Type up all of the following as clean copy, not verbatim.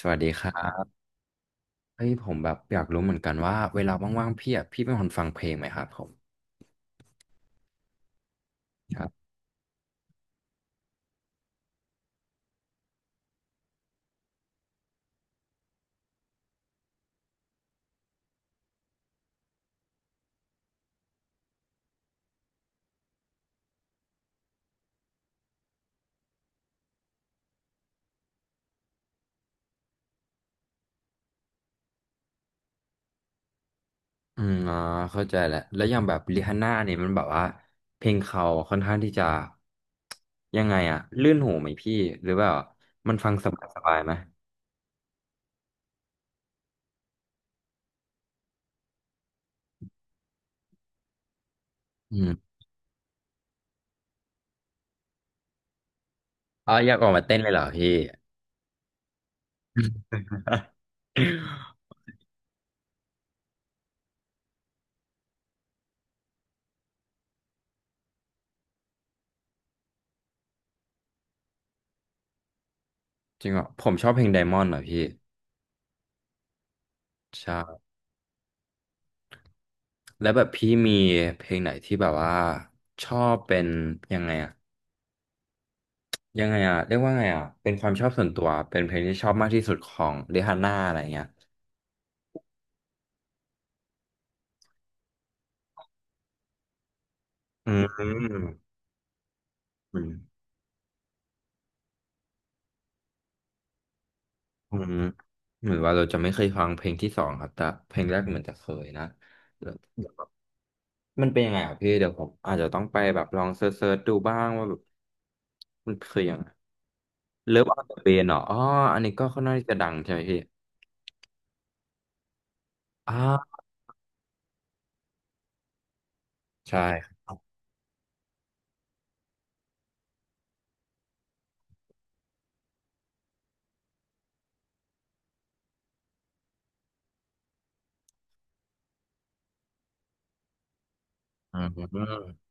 สวัสดีครับเฮ้ยผมแบบอยากรู้เหมือนกันว่าเวลาว่างๆพี่อ่ะพี่เป็นคนฟังเพลงไหมครับผมครับอืมอ๋อเข้าใจแล้วแล้วอย่างแบบริฮาน่าเนี่ยมันแบบว่าเพลงเขาค่อนข้างที่จะยังไงอ่ะลื่นหูไหมพี่หรือว่ามันฟังสบายๆไหมอืมอ๋ออยากออกมาเต้นเลยเหรอพี่ จริงเหรอผมชอบเพลง Diamond เหรอพี่ใช่แล้วแบบพี่มีเพลงไหนที่แบบว่าชอบเป็นยังไงอะ ยังไงอ่ะเรียกว่าไงอ่ะเป็นความชอบส่วนตัวเป็นเพลงที่ชอบมากที่สุดของเรฮาน่าอะไรเงี้ยอืมอืมอืมเหมือนว่าเราจะไม่เคยฟังเพลงที่สองครับแต่เพลงแรกเหมือนจะเคยนะแล้วมันเป็นยังไงอ่ะพี่เดี๋ยวผมอาจจะต้องไปแบบลองเซิร์ชดูบ้างว่าแบบมันคือยังไงเลิฟออนเดอะเบนเหรออ๋ออันนี้ก็ค่อนข้างที่จะดังใช่ไหมพี่อ่าใช่อืม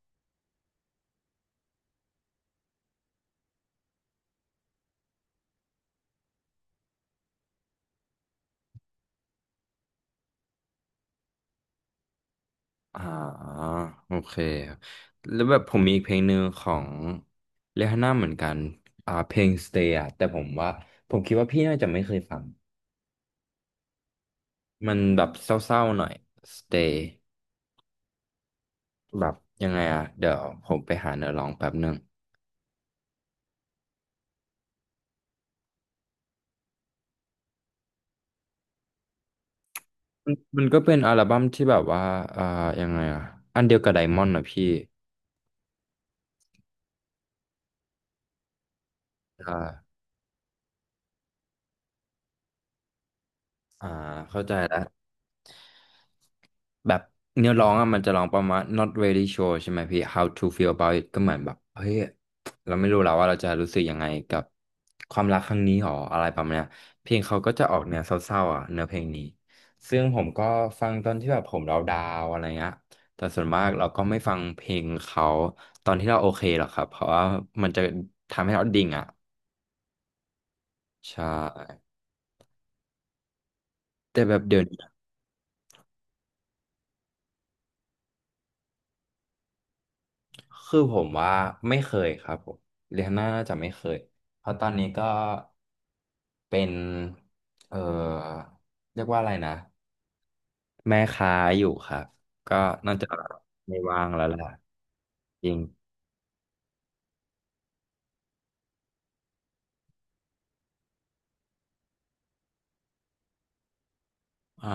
อ่าโอเคครับแล้วแบบผมมีอีกเพลงหนึ่งของเรฮาน่าเหมือนกันอ่าเพลง Stay อ่ะแต่ผมว่าผมคิดว่าพี่น่าจะไม่เคยฟังมันแบบเศร้าๆหน่อย Stay แบบยังไงอ่ะเดี๋ยวผมไปหาเนื้อร้องแป๊บหนึ่งมันมันก็เป็นอัลบั้มที่แบบว่าอ่ายังไงอ่ะอันเดียวกับไดมอนด์นะพี่อ่าอ่าเข้าใจแล้ว แบบเนื้อร้องอะมันจะร้องประมาณ not really sure ใช่ไหมพี่ how to feel about it ก็เหมือนแบบเฮ้ยเราไม่รู้แล้วว่าเราจะรู้สึกยังไงกับความรักครั้งนี้หรออะไรประมาณเนี้ยเพลงเขาก็จะออกแนวเศร้าๆอ่ะเนื้อเพลงนี้ ซึ่งผมก็ฟังตอนที่แบบผมเราดาวน์อะไรเงี้ยแต่ส่วนมากเราก็ไม่ฟังเพลงเขาตอนที่เราโอเคหรอกครับ เพราะว่ามันจะทำให้เราดิ่งอ่ะใช่แต่แบบเดี๋ยวนี้คือผมว่าไม่เคยครับผมเรียนน่าจะไม่เคยเพราะตอนนี้ก็ เป็นเอ่อเรียกว่าอะไรนะแม่ค้าอยู่ครับก็น่าจะไม่ว่างแล้วแหละจริงอ่า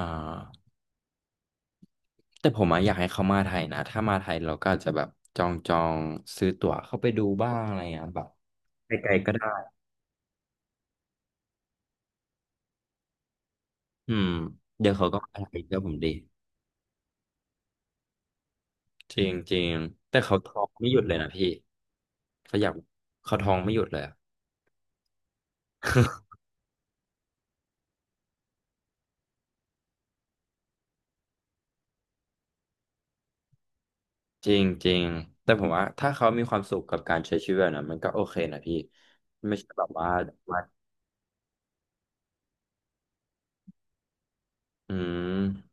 แต่ผมอะอยากให้เขามาไทยนะถ้ามาไทยเราก็อาจจะแบบจองจองซื้อตั๋วเข้าไปดูบ้างอะไรอย่างเงี้ยแบบไกลๆก็ได้อืมเดี๋ยวเขาก็มาไทยเชื่อผมดิจริงจริงแต่เขาท้องไม่หยุดเลยนะพี่เขาอยากเขาท้องไม่หยุดเลยอะ จริงจริงแต่ผมว่าถ้าเขามีความสุขกับการใช้ชีวิตแบบนั้นมันก็โอเคนะพี่ไม่ใช่แบบว่าว่าอืม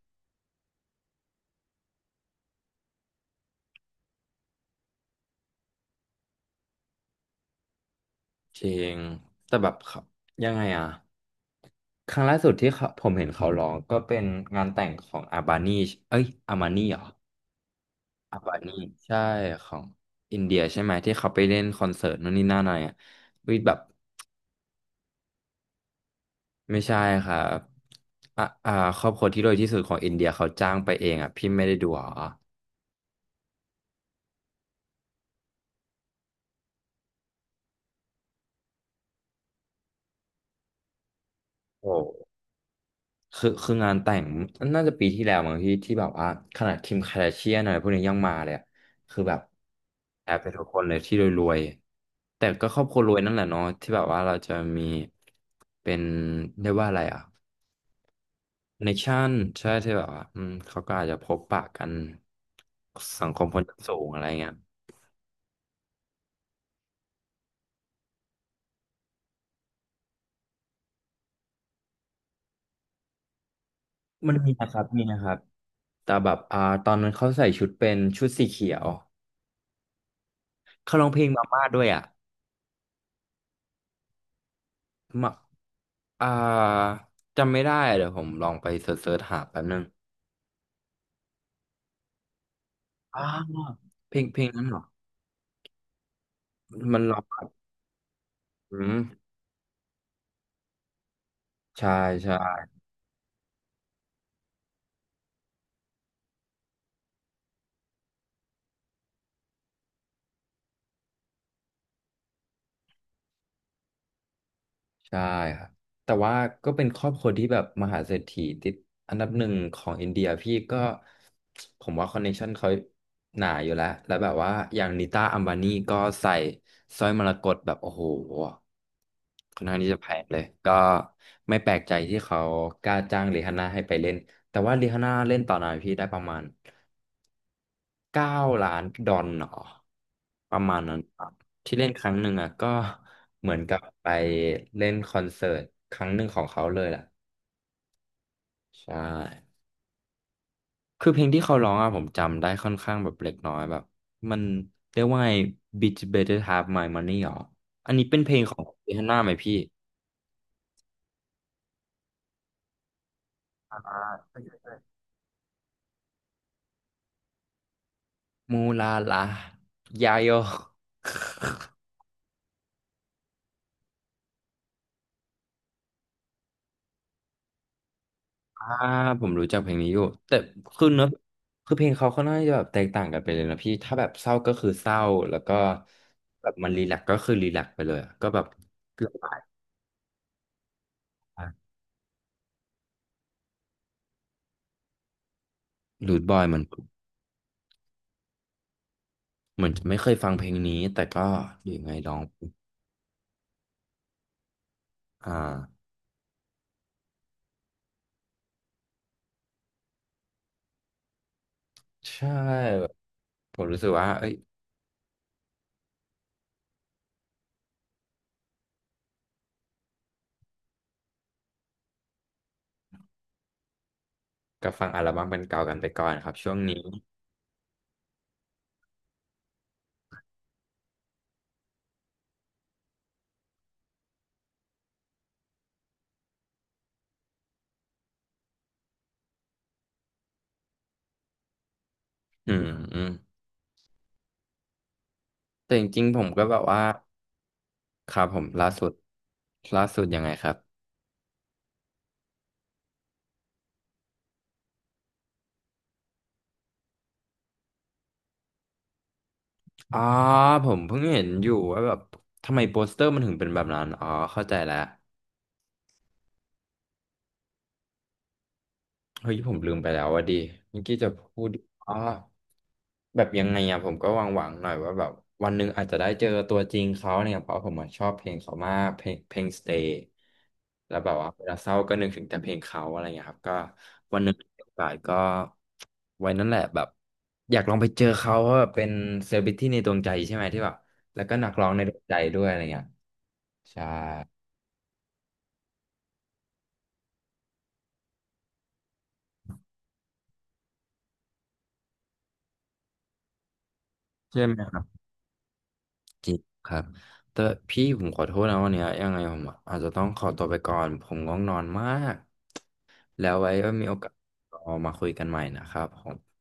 จริงแต่แบบเขายังไงอะครั้งล่าสุดที่เขาผมเห็นเขาร้องก็เป็นงานแต่งของอาบานีเอ้ยอามานีเหรออาบานีใช่ของอินเดียใช่ไหมที่เขาไปเล่นคอนเสิร์ตนู่นนี่นั่นอะไรอะวิแบบไม่ใช่ครับอ่ะอ่าครอบครัวที่รวยที่สุดของอินเดียเขาจ้างไปเองอะพี่ไม่ได้ดูเหรอโอ้ คือคืองานแต่งน่าจะปีที่แล้วมั้งที่ที่แบบว่าขนาดคิมคา a าเชียนอะไรพวกนี้ยังมาเลยอะคือแบบแอบไปทุกคนเลยที่รวยๆแต่ก็ครอบครัวรวยนั่นแหละเนาะที่แบบว่าเราจะมีเป็นเรียกว่าอะไรอ่ะคอนเนคชั่นใช่ที่แบบว่าอืมเขาก็อาจจะพบปะกันสังคมคนชั้นสูงอะไรเงี้ยมันมีนะครับมีนะครับแต่แบบอ่าตอนนั้นเขาใส่ชุดเป็นชุดสีเขียวเขาร้องเพลงมาม่าด้วยอ่ะ อ่าจำไม่ได้เดี๋ยวผมลองไปเสิร์ชหาแป๊บนึงอ้าวเพลงเพลงนั้นเหรอมันร้องแบบอืมใช่ใช่ ใช่ครับแต่ว่าก็เป็นครอบครัวที่แบบมหาเศรษฐีติดอันดับหนึ่งของอินเดียพี่ก็ผมว่าคอนเนคชั่นเขาหนาอยู่แล้วแล้วแบบว่าอย่างนิต้าอัมบานีก็ใส่สร้อยมรกตแบบโอ้โหค่อนข้างที่จะแพงเลยก็ไม่แปลกใจที่เขากล้าจ้างริฮาน่าให้ไปเล่นแต่ว่าริฮาน่าเล่นต่อหน่อยพี่ได้ประมาณ 9 ล้านดอลลาร์เหรอประมาณนั้นครับที่เล่นครั้งหนึ่งอ่ะก็เหมือนกับไปเล่นคอนเสิร์ตครั้งหนึ่งของเขาเลยแหละใช่คือเพลงที่เขาร้องอ่ะผมจำได้ค่อนข้างแบบเล็กน้อยแบบมันเรียกว่าไง Bitch Better Have My Money หรออันนี้เป็นเพลงของเฮานน่าไหมพี่อ่ามูลาลายาโย อ่าผมรู้จักเพลงนี้อยู่แต่คือเนื้อคือเพลงเขาค่อนข้างจะแบบแตกต่างกันไปเลยนะพี่ถ้าแบบเศร้าก็คือเศร้าแล้วก็แบบมันรีแลกซ์ก็คือรีแลกซ์ไปเลยอะก็แบบรบายอะรูทบอยมันเหมือนจะไม่เคยฟังเพลงนี้แต่ก็อยู่ไงลองอ่าใช่แบบผมรู้สึกว่าเอ้ยก็ฟังอัลบั้มเป็นเก่ากันไปก่อนครับช่วงนี้อืมอืมแต่จริงๆผมก็แบบว่าครับผมล่าสุดล่าสุดยังไงครับ อ๋อผมเพิ่งเห็นอยู่ว่าแบบทำไมโปสเตอร์มันถึงเป็นแบบนั้นอ๋อเข้าใจแล้วเฮ้ยผมลืมไปแล้วว่าดีเมื่อกี้จะพูดอ๋อแบบยังไงอะผมก็หวังๆหน่อยว่าแบบวันหนึ่งอาจจะได้เจอตัวจริงเขาเนี่ยเพราะผมอะชอบเพลงเขามากเพลงเพลง Stay แล้วแบบว่าเวลาเศร้าก็นึกถึงแต่เพลงเขาอะไรเงี้ยครับก็วันหนึ่งมีโอกาสก็ไว้นั่นแหละแบบอยากลองไปเจอเขาเพราะแบบเป็นเซเลบริตี้ในดวงใจใช่ไหมที่แบบแล้วก็นักร้องในดวงใจด้วยอะไรเงี้ย ใช่ใช่ไหมครับจริงครับแต่พี่ผมขอโทษนะวันเนี้ยยังไงผมอาจจะต้องขอตัวไปก่อนผมง่วงนอนมากแล้วไว้ว่ามีโอกาสเรามาคุยกันใหม่นะครับผม